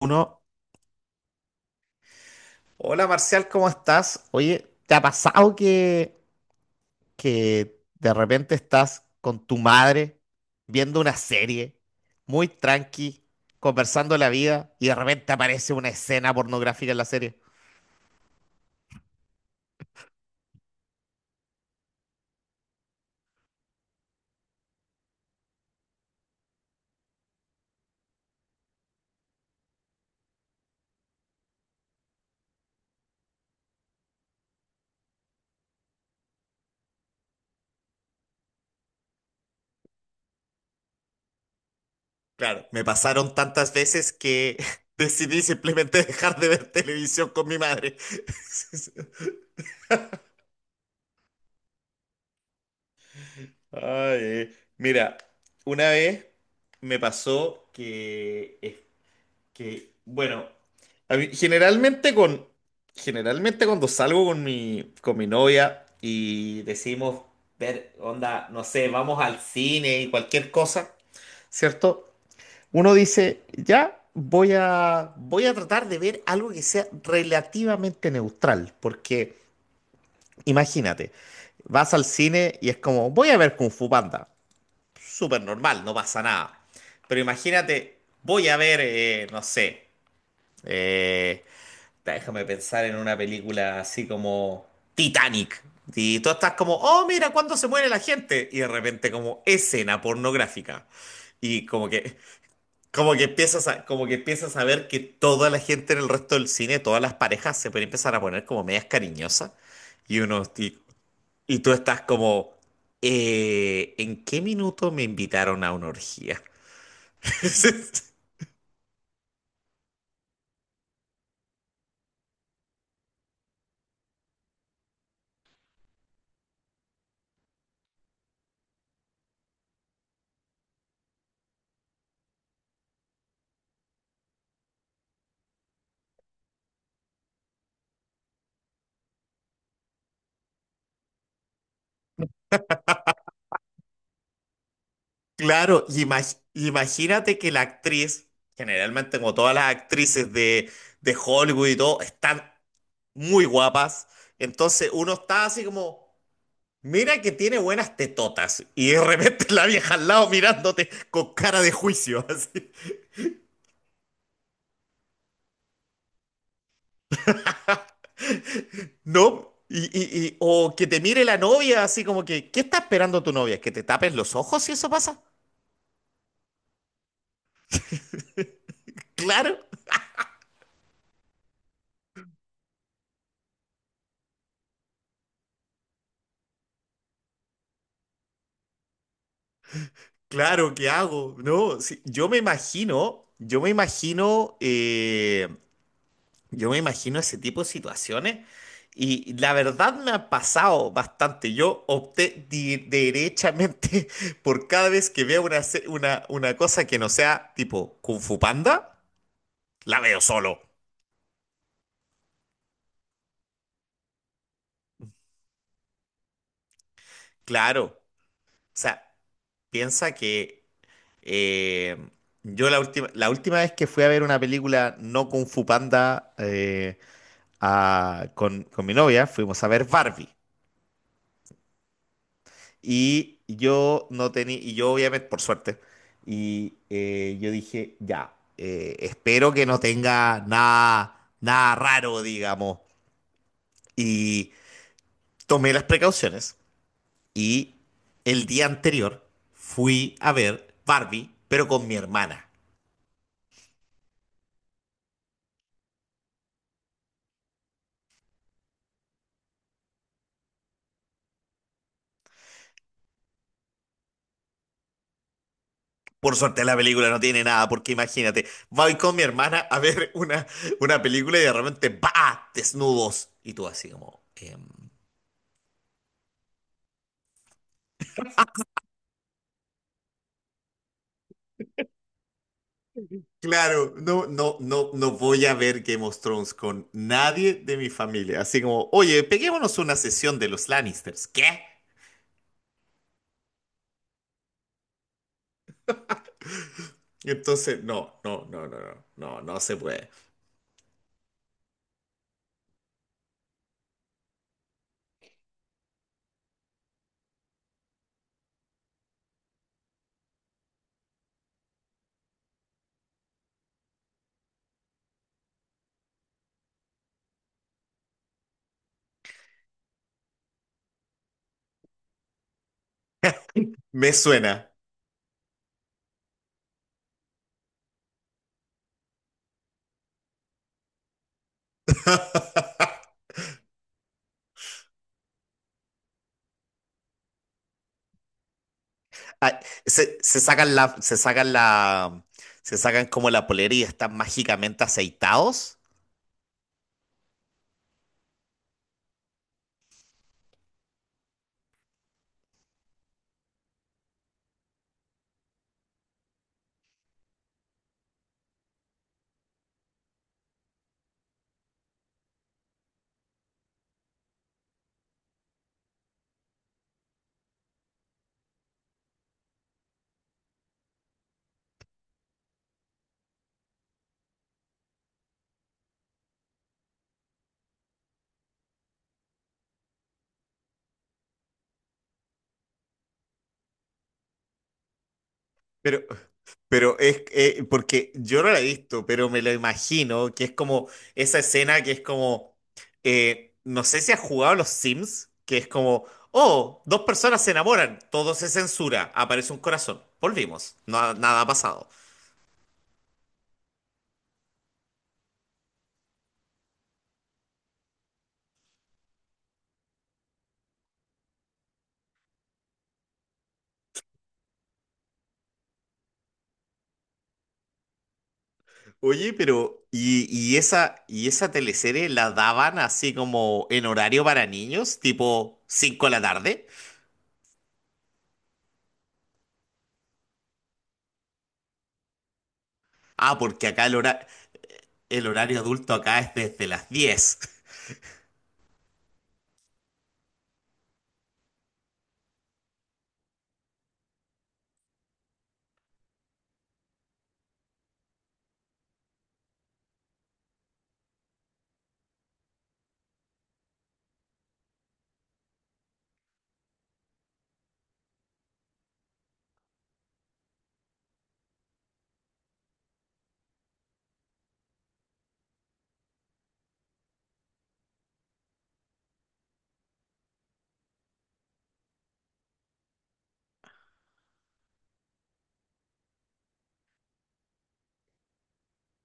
Uno, hola Marcial, ¿cómo estás? Oye, ¿te ha pasado que de repente estás con tu madre viendo una serie muy tranqui, conversando la vida y de repente aparece una escena pornográfica en la serie? Claro, me pasaron tantas veces que decidí simplemente dejar de ver televisión con mi madre. Ay, mira, una vez me pasó Que, bueno, generalmente generalmente cuando salgo con mi novia y decimos ver, onda, no sé, vamos al cine y cualquier cosa, ¿cierto? Uno dice, ya voy a tratar de ver algo que sea relativamente neutral, porque imagínate, vas al cine y es como, voy a ver Kung Fu Panda, súper normal, no pasa nada. Pero imagínate, voy a ver, no sé, eh, déjame pensar en una película así como Titanic. Y tú estás como, oh, mira, ¿cuándo se muere la gente? Y de repente como escena pornográfica. Y como que, como que empiezas como que empiezas a ver que toda la gente en el resto del cine, todas las parejas se pueden empezar a poner como medias cariñosas. Y uno, y, y tú estás como, ¿en qué minuto me invitaron a una orgía? Claro, y imagínate que la actriz, generalmente como todas las actrices de Hollywood y todo, están muy guapas. Entonces uno está así como, mira que tiene buenas tetotas. Y de repente la vieja al lado mirándote con cara de juicio, así. ¿No? O que te mire la novia, así como que, ¿qué está esperando tu novia? ¿Que te tapes los ojos si eso pasa? Claro. Claro, ¿qué hago? No, sí, yo me imagino, yo me imagino yo me imagino ese tipo de situaciones y la verdad me ha pasado bastante. Yo opté derechamente por cada vez que veo una cosa que no sea tipo Kung Fu Panda, la veo solo. Claro. O sea, piensa que eh, la última vez que fui a ver una película no Kung Fu Panda con mi novia, fuimos a ver Barbie. Y yo no tenía, y yo obviamente, por suerte, y yo dije, ya, espero que no tenga nada raro, digamos. Y tomé las precauciones y el día anterior fui a ver Barbie, pero con mi hermana. Por suerte la película no tiene nada, porque imagínate, voy con mi hermana a ver una película y de repente, ¡bah! Desnudos. Y tú así como... claro, no, no, no, no voy a ver Game of Thrones con nadie de mi familia. Así como, oye, peguémonos una sesión de los Lannisters. ¿Qué? Entonces, no, no, no, no, no, no, no se puede. Me suena. Ah, se, se sacan la, se sacan la, se sacan como la polera y están mágicamente aceitados. Pero, Pero es porque yo no la he visto, pero me lo imagino, que es como esa escena que es como, no sé si has jugado a los Sims, que es como, oh, dos personas se enamoran, todo se censura, aparece un corazón, volvimos, nada ha pasado. Oye, pero, ¿y esa, y esa teleserie la daban así como en horario para niños, tipo 5 de la tarde? Ah, porque acá el horario adulto acá es desde las 10.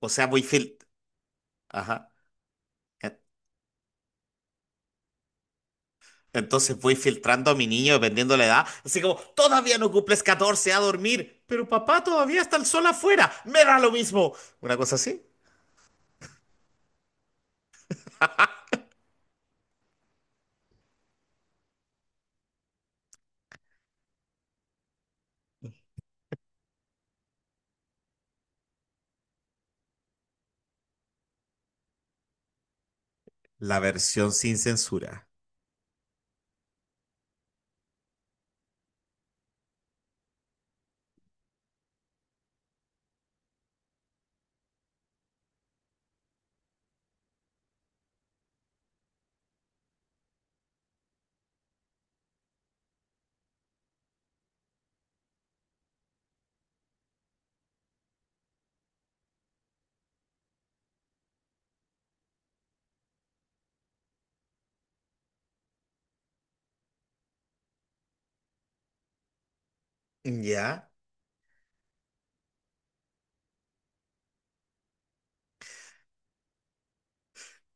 O sea, muy fil... Ajá. eh, entonces voy filtrando a mi niño dependiendo la edad. Así como, todavía no cumples 14 a dormir, pero papá todavía está el sol afuera. Me da lo mismo. Una cosa así. La versión sin censura. Ya.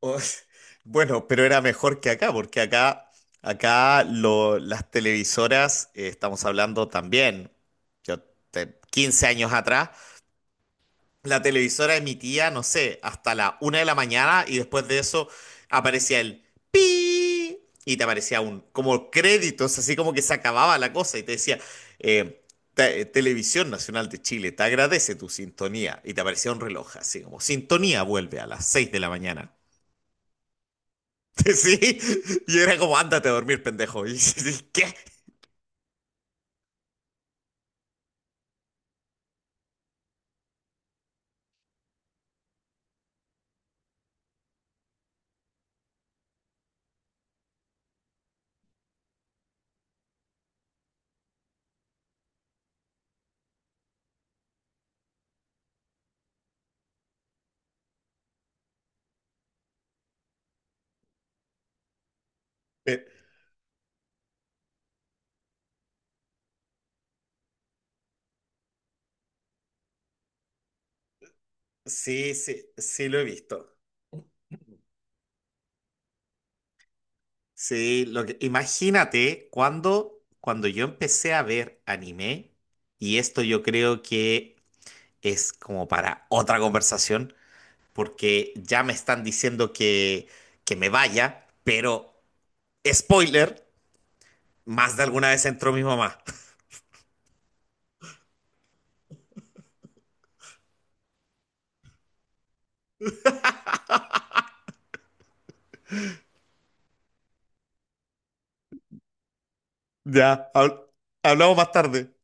O- bueno, pero era mejor que acá, porque las televisoras, estamos hablando también, yo, 15 años atrás, la televisora emitía, no sé, hasta la 1 de la mañana y después de eso aparecía el pi y te aparecía un como créditos, así como que se acababa la cosa y te decía eh, Televisión Nacional de Chile te agradece tu sintonía y te aparecía un reloj así como sintonía vuelve a las 6 de la mañana. Sí, y era como ándate a dormir, pendejo. Y, ¿qué? Eh, Sí, sí, sí lo he visto. Sí, lo que, imagínate cuando yo empecé a ver anime, y esto yo creo que es como para otra conversación, porque ya me están diciendo que me vaya, pero spoiler, más de alguna vez entró mi mamá. Ya, hablamos más tarde.